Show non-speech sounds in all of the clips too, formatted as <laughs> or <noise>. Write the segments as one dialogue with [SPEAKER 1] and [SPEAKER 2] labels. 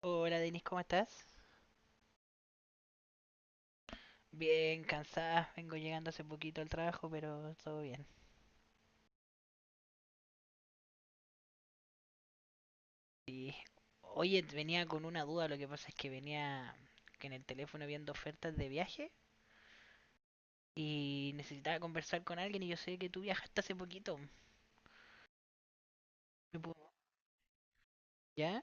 [SPEAKER 1] Hola Denis, ¿cómo estás? Bien, cansada, vengo llegando hace poquito al trabajo, pero todo bien. Sí. Oye, venía con una duda, lo que pasa es que venía que en el teléfono viendo ofertas de viaje y necesitaba conversar con alguien y yo sé que tú viajaste hace poquito. ¿Me puedo- ¿Ya?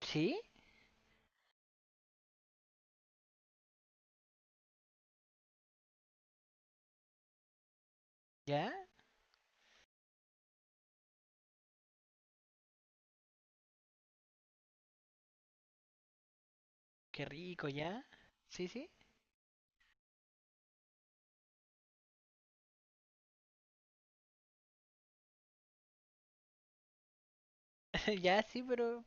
[SPEAKER 1] ¿Sí? ¿Ya? Qué rico, ¿ya? ¿Sí, sí? <laughs> Ya, sí, pero...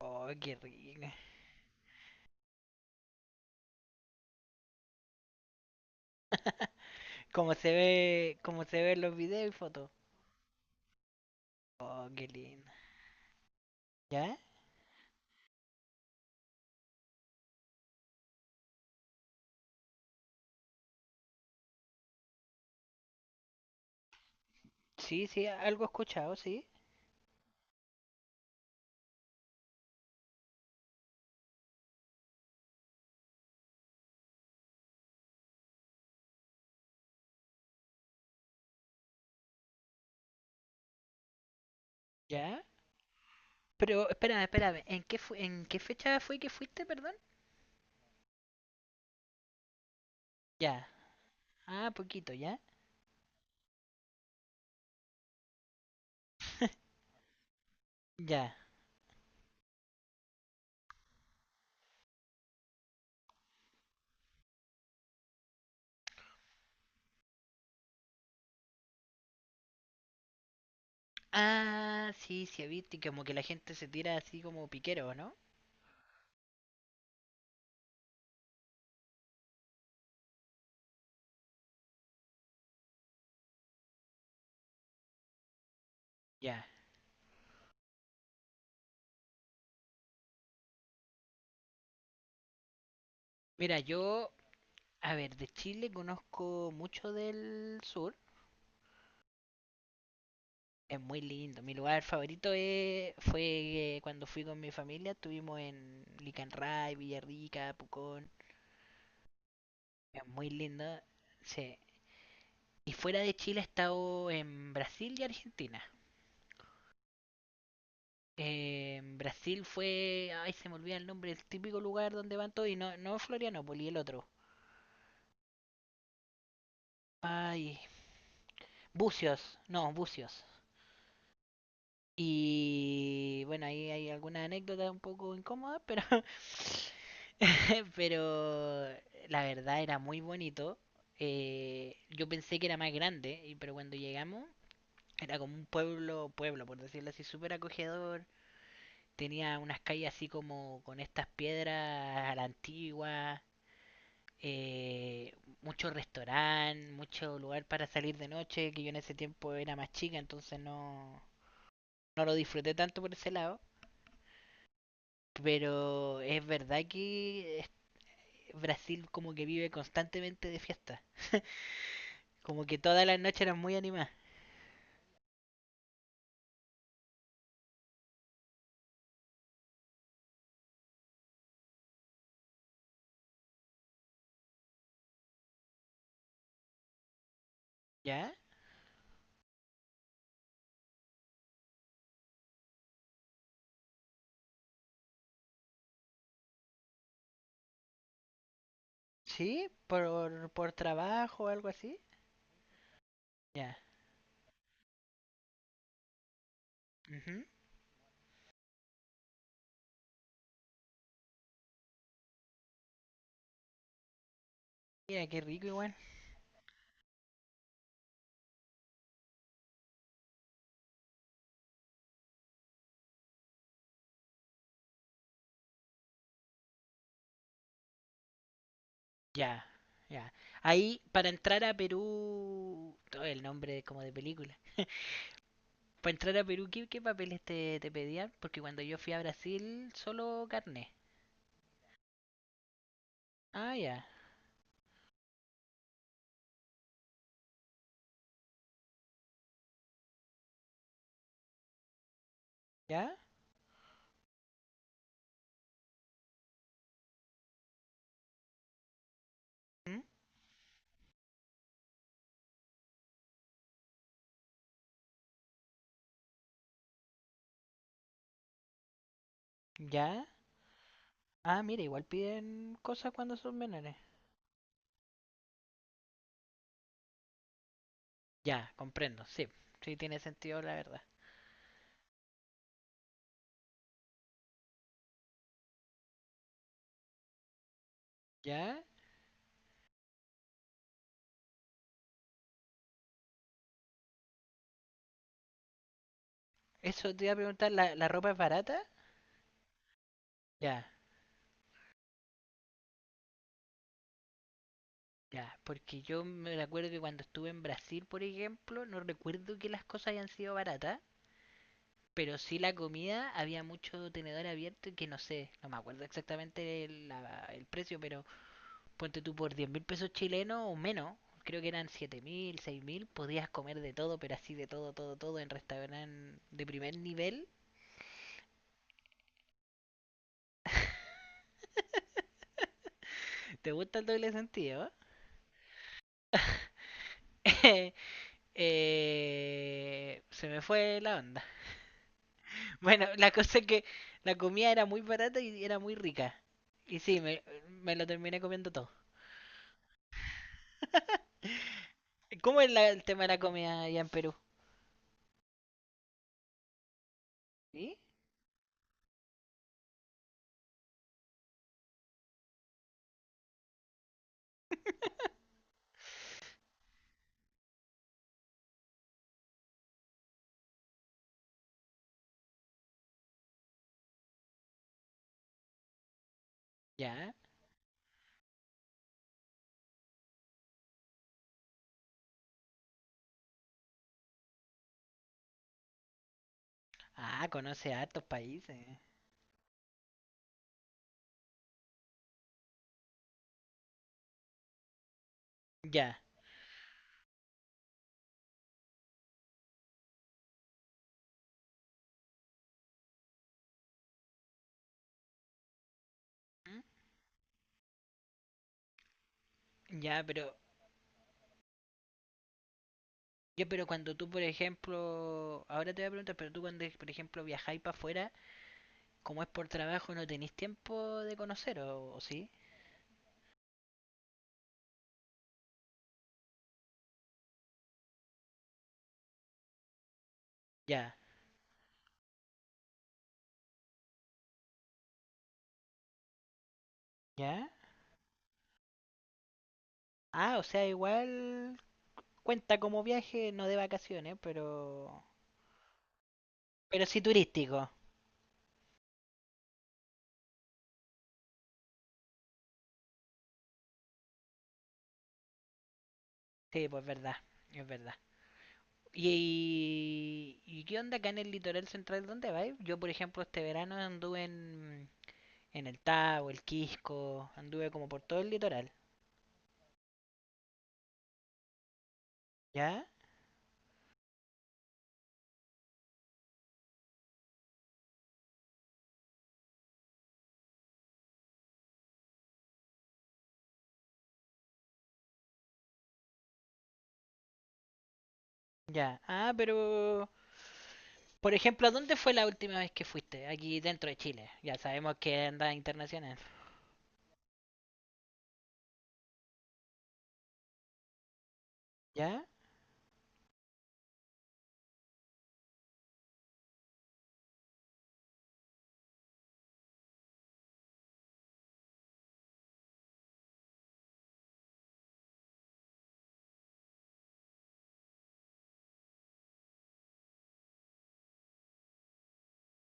[SPEAKER 1] Oh, qué rico. <laughs> Como se ve en los videos y fotos. Oh, qué lindo. ¿Ya? Sí, sí, algo he escuchado, sí. Ya. Pero espérame, espérame. ¿En qué fecha fue que fuiste, perdón? Ya. Ah, poquito, ya. <laughs> Ya. Ah, sí, sí, viste como que la gente se tira así como piquero, ¿no? Ya. Mira, yo, a ver, de Chile conozco mucho del sur. Es muy lindo. Mi lugar favorito fue cuando fui con mi familia. Estuvimos en Licanray, Villarrica, Pucón. Es muy lindo. Sí. Y fuera de Chile he estado en Brasil y Argentina. En Brasil fue. Ay, se me olvida el nombre, el típico lugar donde van todos. Y no, no Florianópolis, el otro. Ay, Bucios. No, Bucios. Y bueno, ahí hay alguna anécdota un poco incómoda, pero. <laughs> Pero la verdad era muy bonito. Yo pensé que era más grande, pero cuando llegamos era como un pueblo, pueblo, por decirlo así, súper acogedor. Tenía unas calles así como con estas piedras a la antigua, eh, mucho restaurante, mucho lugar para salir de noche, que yo en ese tiempo era más chica, entonces no, no lo disfruté tanto por ese lado. Pero es verdad que Brasil como que vive constantemente de fiesta. <laughs> Como que todas las noches eran muy animadas. ¿Ya? ¿Sí? ¿Por trabajo o algo así? Ya. Ujú. Mira, qué rico igual. Ya, ya. Ahí, para entrar a Perú, todo el nombre como de película. <laughs> Para entrar a Perú, ¿qué papeles te pedían? Porque cuando yo fui a Brasil, solo carne. Ah, ya. ¿Ya? ¿Mm? ¿Ya? Ah, mira, igual piden cosas cuando son menores. Ya, comprendo, sí. Sí, tiene sentido, la verdad. ¿Ya? Eso te iba a preguntar, ¿la ropa es barata? Ya, ya. Porque yo me acuerdo que cuando estuve en Brasil, por ejemplo, no recuerdo que las cosas hayan sido baratas. Pero sí la comida, había mucho tenedor abierto y que no sé, no me acuerdo exactamente el precio, pero ponte tú por 10.000 pesos chilenos o menos, creo que eran 7.000, 6.000, podías comer de todo, pero así de todo, todo, todo en restaurantes de primer nivel. ¿Te gusta el doble sentido, eh? <laughs> Se me fue la onda. <laughs> Bueno, la cosa es que la comida era muy barata y era muy rica. Y sí, me lo terminé comiendo todo. <laughs> ¿Cómo es el tema de la comida allá en Perú? ¿Sí? <laughs> ¿Ya? Ah, conoce a hartos países. Ya. ¿Mm? Ya, pero, cuando tú, por ejemplo, ahora te voy a preguntar, pero tú cuando, por ejemplo, viajáis para afuera, como es por trabajo, no tenéis tiempo de conocer, ¿o sí? Ya, ya. Ah, o sea, igual cuenta como viaje, no de vacaciones, pero, sí turístico. Sí, pues verdad, es verdad. ¿Y qué onda acá en el litoral central? ¿Dónde vais? Yo, por ejemplo, este verano anduve en el Tabo, el Quisco, anduve como por todo el litoral. ¿Ya? Ya, ah, pero, por ejemplo, ¿a dónde fue la última vez que fuiste? Aquí dentro de Chile. Ya sabemos que andas internacional. ¿Ya?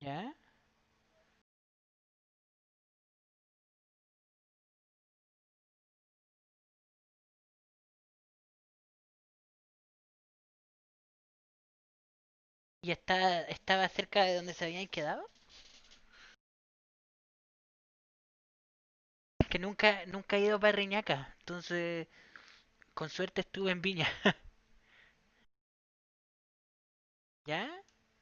[SPEAKER 1] ¿Ya? ¿Y estaba cerca de donde se habían quedado? Es que nunca, nunca he ido para Reñaca, entonces, con suerte estuve en Viña. <laughs> ¿Ya?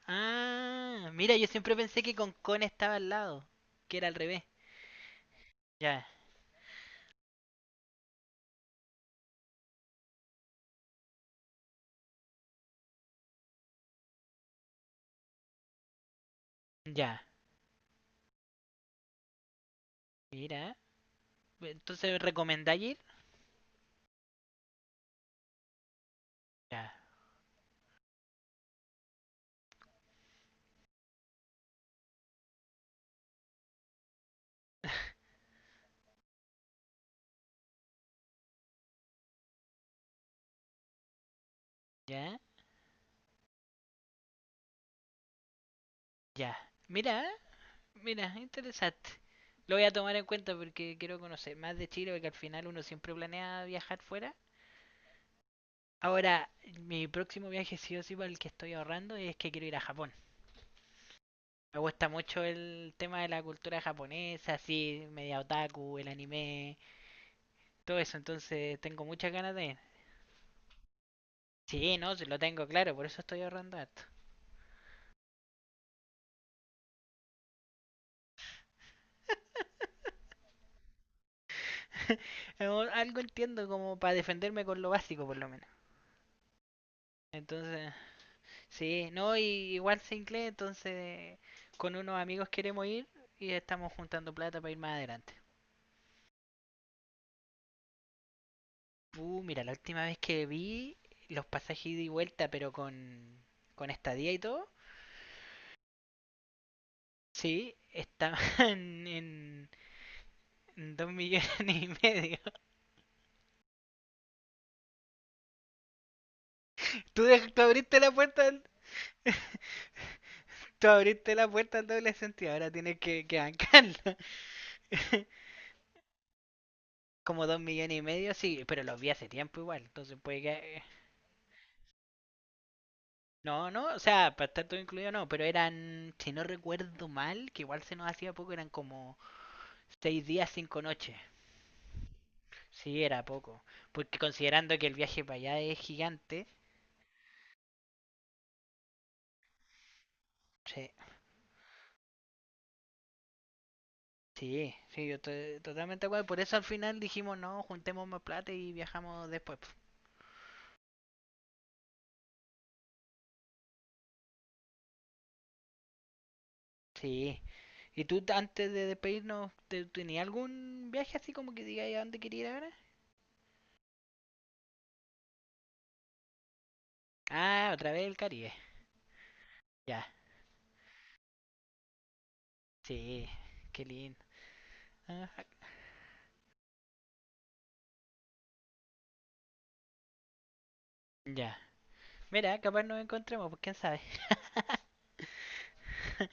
[SPEAKER 1] Ah, mira, yo siempre pensé que Concón estaba al lado, que era al revés. Ya, ya, mira. Entonces, ¿recomendáis ir? Ya, <laughs> ya, ya. Mira, Mira, interesante. Lo voy a tomar en cuenta porque quiero conocer más de Chile, porque al final uno siempre planea viajar fuera. Ahora, mi próximo viaje sí o sí para el que estoy ahorrando es que quiero ir a Japón. Me gusta mucho el tema de la cultura japonesa, así, media otaku, el anime, todo eso, entonces tengo muchas ganas de ir. Sí, no, sí, lo tengo claro, por eso estoy ahorrando esto. <laughs> Algo entiendo como para defenderme con lo básico por lo menos. Entonces, sí, no, y igual se incluye, entonces con unos amigos queremos ir y estamos juntando plata para ir más adelante. Mira, la última vez que vi los pasajes ida y vuelta, pero con estadía y todo, sí, estaban <laughs> en 2,5 millones. Tú abriste la puerta, <laughs> tú abriste la puerta al doble sentido, ahora tienes que bancarlo. <laughs> Como 2,5 millones, sí, pero los vi hace tiempo igual, entonces puede que. No, no, o sea, para estar todo incluido no, pero eran, si no recuerdo mal, que igual se nos hacía poco, eran como 6 días, 5 noches. Sí, era poco. Porque considerando que el viaje para allá es gigante, sí, sí, sí, yo estoy totalmente de acuerdo. Por eso al final dijimos, no, juntemos más plata y viajamos después. Sí. ¿Y tú antes de despedirnos, tenías algún viaje así como que digáis a dónde quería ir ahora? Ah, otra vez el Caribe. Ya, sí, qué lindo. Ajá. Ya. Mira, capaz nos encontremos, pues quién sabe. <laughs>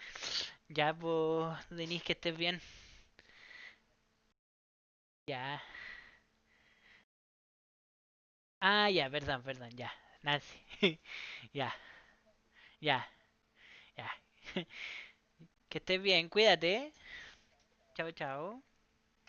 [SPEAKER 1] Ya, pues, Denise, que estés bien. Ya. Ah, ya, perdón, perdón, ya. Nancy. <laughs> Ya, ya, ya. <laughs> Que estés bien, cuídate. Chao, chao.